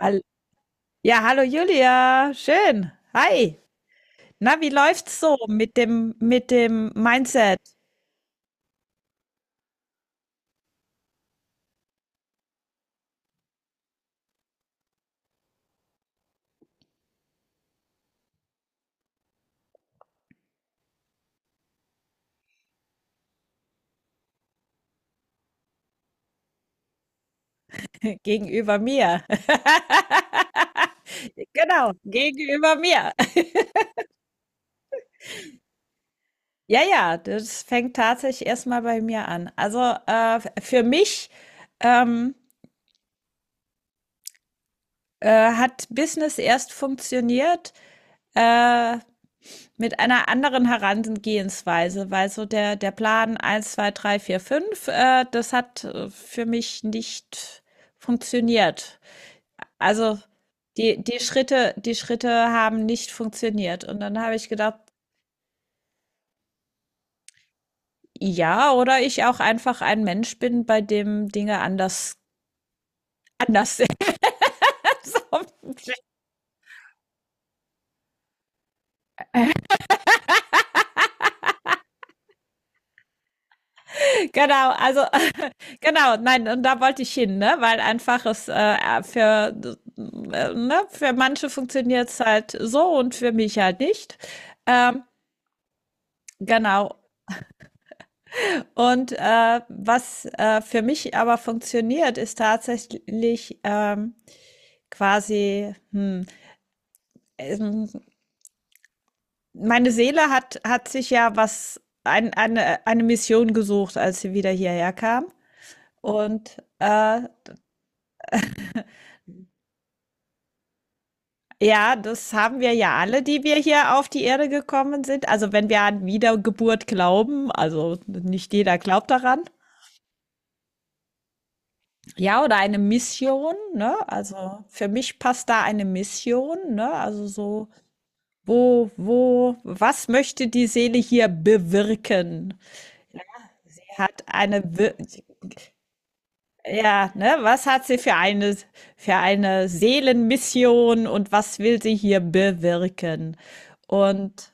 Hall Ja, hallo Julia, schön. Hi. Na, wie läuft's so mit dem Mindset gegenüber mir? Genau, gegenüber mir. Ja, ja, das fängt tatsächlich erstmal bei mir an. Also für mich ähm, hat Business erst funktioniert, äh, mit einer anderen Herangehensweise, weil so der Plan eins 2 3 4 5 das hat für mich nicht funktioniert. Also die Schritte haben nicht funktioniert. Und dann habe ich gedacht, ja, oder ich auch einfach ein Mensch bin, bei dem Dinge anders, anders sind. So, Genau, also genau, nein, und da wollte ich hin, ne? Weil einfach es ne? Für manche funktioniert es halt so und für mich halt nicht. Ähm, genau. Und was für mich aber funktioniert, ist tatsächlich quasi, ähm, meine Seele hat sich ja eine Mission gesucht, als sie wieder hierher kam. Und äh, Ja, das haben wir ja alle, die wir hier auf die Erde gekommen sind. Also wenn wir an Wiedergeburt glauben, also nicht jeder glaubt daran. Ja, oder eine Mission, ne? Also für mich passt da eine Mission, ne? Also so, was möchte die Seele hier bewirken? Sie hat eine, ja, ne? Was hat sie für eine Seelenmission und was will sie hier bewirken? Und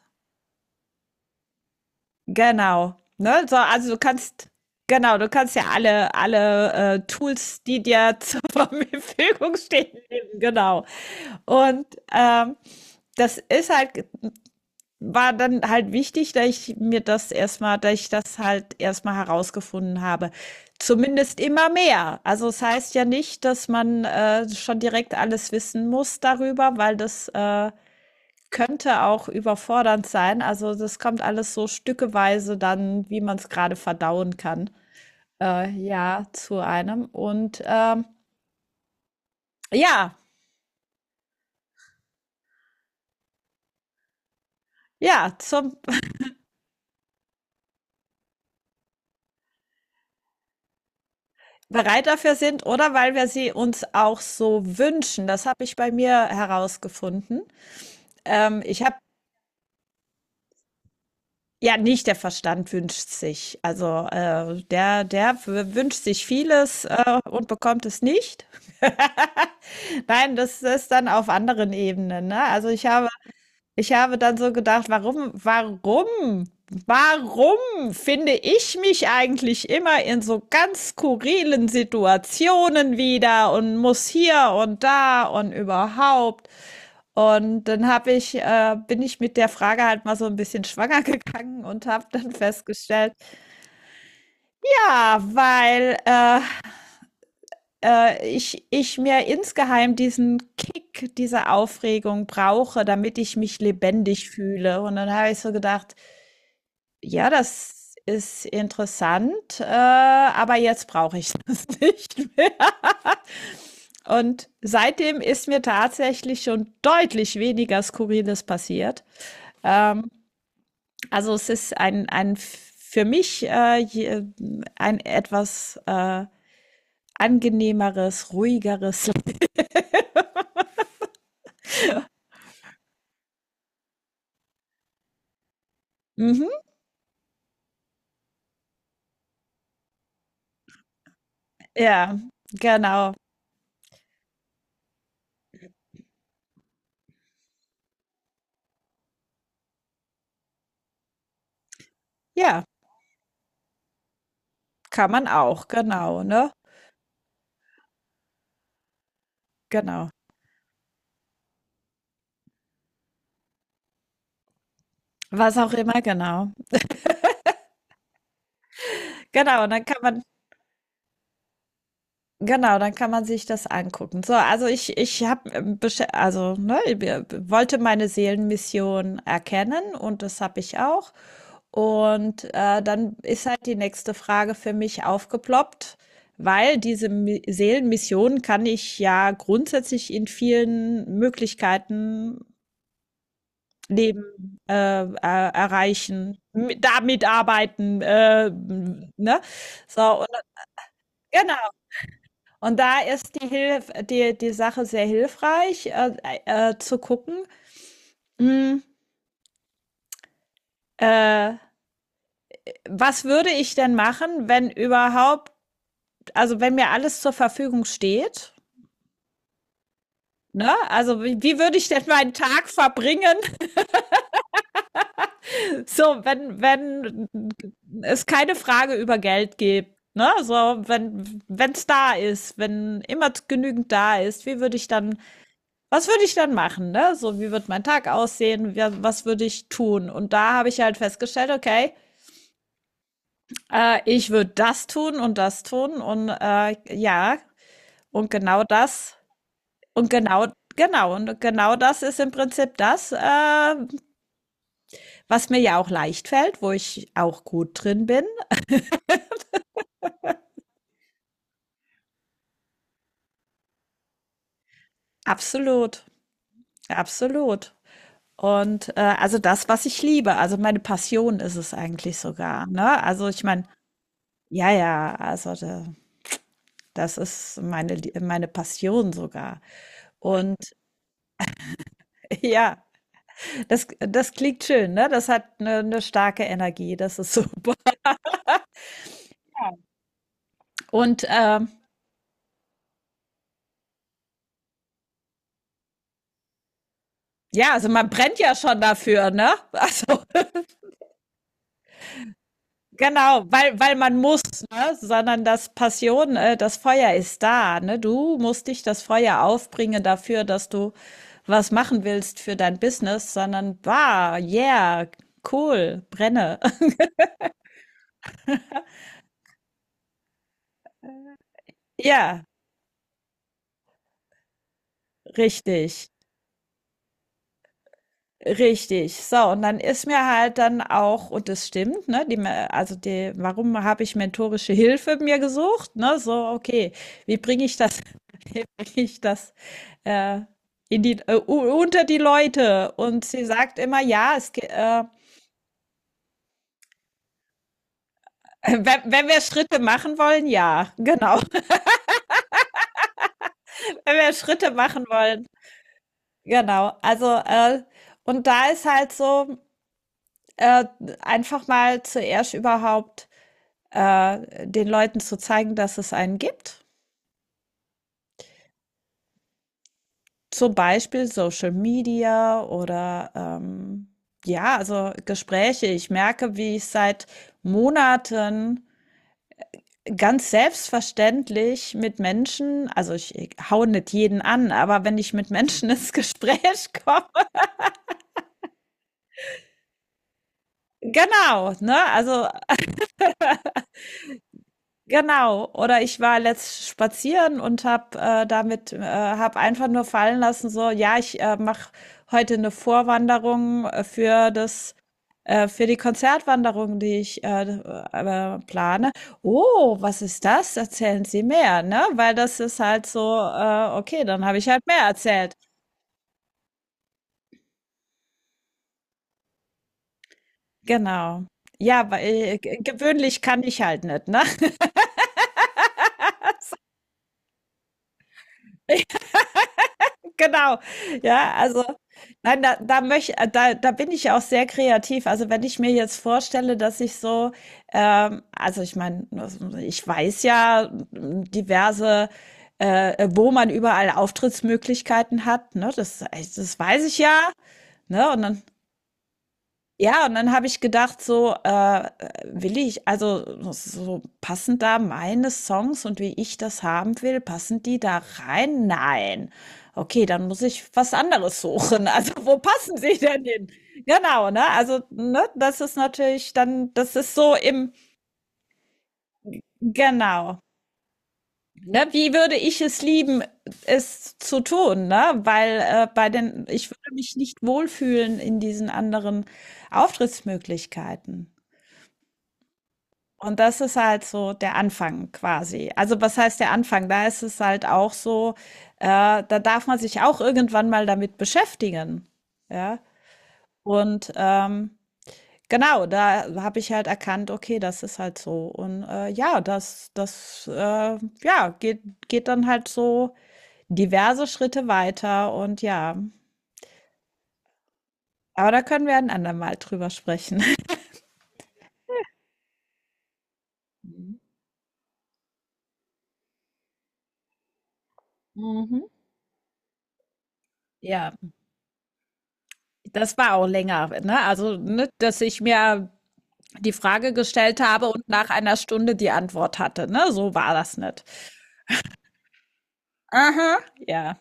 Genau, ne? So, also du kannst genau, du kannst ja Tools, die dir zur Verfügung stehen, nehmen, genau. Und, ähm, das ist war dann halt wichtig, dass ich das halt erstmal herausgefunden habe. Zumindest immer mehr. Also, es heißt ja nicht, dass man, schon direkt alles wissen muss darüber, weil das, könnte auch überfordernd sein. Also, das kommt alles so stückeweise dann, wie man es gerade verdauen kann, ja, zu einem. Und, ja, ja, zum bereit dafür sind oder weil wir sie uns auch so wünschen. Das habe ich bei mir herausgefunden. Ich habe ja, nicht der Verstand wünscht sich. Also, der der w wünscht sich vieles, und bekommt es nicht. Nein, das ist dann auf anderen Ebenen, ne? Also, Ich habe dann so gedacht, warum finde ich mich eigentlich immer in so ganz skurrilen Situationen wieder und muss hier und da und überhaupt? Und dann bin ich mit der Frage halt mal so ein bisschen schwanger gegangen und habe dann festgestellt, ja, weil ich mir insgeheim diesen Kick, diese Aufregung brauche, damit ich mich lebendig fühle. Und dann habe ich so gedacht: Ja, das ist interessant, aber jetzt brauche ich das nicht mehr. Und seitdem ist mir tatsächlich schon deutlich weniger Skurriles passiert. Ähm, also es ist ein für mich ein etwas angenehmeres, ruhigeres. Mhm. Ja, genau. Ja, kann man auch, genau, ne? Genau. Was auch immer, genau. Genau, und dann kann man Genau, dann kann man sich das angucken. So, also ich, also ne, wollte meine Seelenmission erkennen, und das habe ich auch. Und dann ist halt die nächste Frage für mich aufgeploppt, weil diese Mi Seelenmission kann ich ja grundsätzlich in vielen Möglichkeiten leben, erreichen, damit arbeiten, ne? So, und, genau. Und da ist die Hilf die die Sache sehr hilfreich, zu gucken, hm, äh, was würde ich denn machen, wenn überhaupt, also wenn mir alles zur Verfügung steht, ne? Also wie würde ich denn meinen Tag verbringen, so wenn wenn es keine Frage über Geld gibt, ne? So wenn es da ist, wenn immer genügend da ist, wie würde ich dann Was würde ich dann machen, ne? So, wie wird mein Tag aussehen? Was würde ich tun? Und da habe ich halt festgestellt, okay, ich würde das tun und ja, und genau das und genau, genau, und genau das ist im Prinzip das, was mir ja auch leicht fällt, wo ich auch gut drin bin. Absolut, absolut. Und also das, was ich liebe, also meine Passion ist es eigentlich sogar, ne? Also ich meine, ja, ja, also da, das ist meine, meine Passion sogar. Und ja, das klingt schön, ne? Das hat eine starke Energie, das ist super. Und ja, also man brennt ja schon dafür, ne? Also genau, weil, man muss, ne? Sondern das Passion, das Feuer ist da, ne? Du musst dich das Feuer aufbringen dafür, dass du was machen willst für dein Business, sondern, wow, yeah, cool, brenne. Ja, richtig. Richtig. So, und dann ist mir halt dann auch und das stimmt, ne, die, also die, warum habe ich mentorische Hilfe mir gesucht, ne? So, okay, wie bringe ich das, wie bringe ich das äh, in die, unter die Leute? Und sie sagt immer, ja, es, wenn, wenn wir Schritte machen wollen, ja, genau. Wenn wir Schritte machen wollen, genau. Also, und da ist halt so, äh, einfach mal zuerst überhaupt den Leuten zu zeigen, dass es einen gibt. Zum Beispiel Social Media oder ja, also Gespräche. Ich merke, wie ich seit Monaten ganz selbstverständlich mit Menschen, also ich hau nicht jeden an, aber wenn ich mit Menschen ins Gespräch komme, genau, ne, also Genau, oder ich war letzt spazieren und habe damit habe einfach nur fallen lassen, so, ja, ich mache heute eine Vorwanderung für das für die Konzertwanderung, die ich plane. Oh, was ist das? Erzählen Sie mehr, ne? Weil das ist halt so, okay, dann habe ich halt mehr erzählt. Genau. Ja, weil gewöhnlich kann ich halt nicht, ne? Genau. Ja, also, nein, da da möch da da bin ich auch sehr kreativ. Also, wenn ich mir jetzt vorstelle, dass ich so, also, ich meine, ich weiß ja, diverse wo man überall Auftrittsmöglichkeiten hat, ne? Das weiß ich ja, ne? Und dann ja, und dann habe ich gedacht so, will ich also, so passen da meine Songs und wie ich das haben will, passen die da rein? Nein. Okay, dann muss ich was anderes suchen. Also, wo passen sie denn hin? Genau, ne? Also, ne, das ist natürlich dann, das ist so im, genau. Ne, wie würde ich es lieben, es zu tun, ne? Weil bei den, ich würde mich nicht wohlfühlen in diesen anderen Auftrittsmöglichkeiten. Und das ist halt so der Anfang quasi. Also, was heißt der Anfang? Da ist es halt auch so, äh, da darf man sich auch irgendwann mal damit beschäftigen. Ja. Und genau, da habe ich halt erkannt, okay, das ist halt so. Und ja, das, das ja, geht dann halt so diverse Schritte weiter. Und ja, aber da können wir ein andermal drüber sprechen. Mhm. Mhm. Ja, das war auch länger, ne? Also, ne, dass ich mir die Frage gestellt habe und nach einer Stunde die Antwort hatte. Ne? So war das nicht. Aha, ja,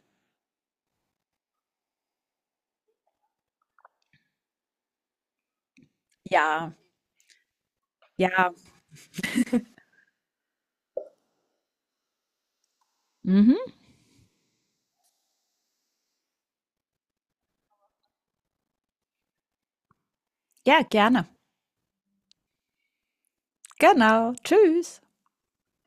ja, ja. Mhm. Ja, gerne. Genau. Tschüss.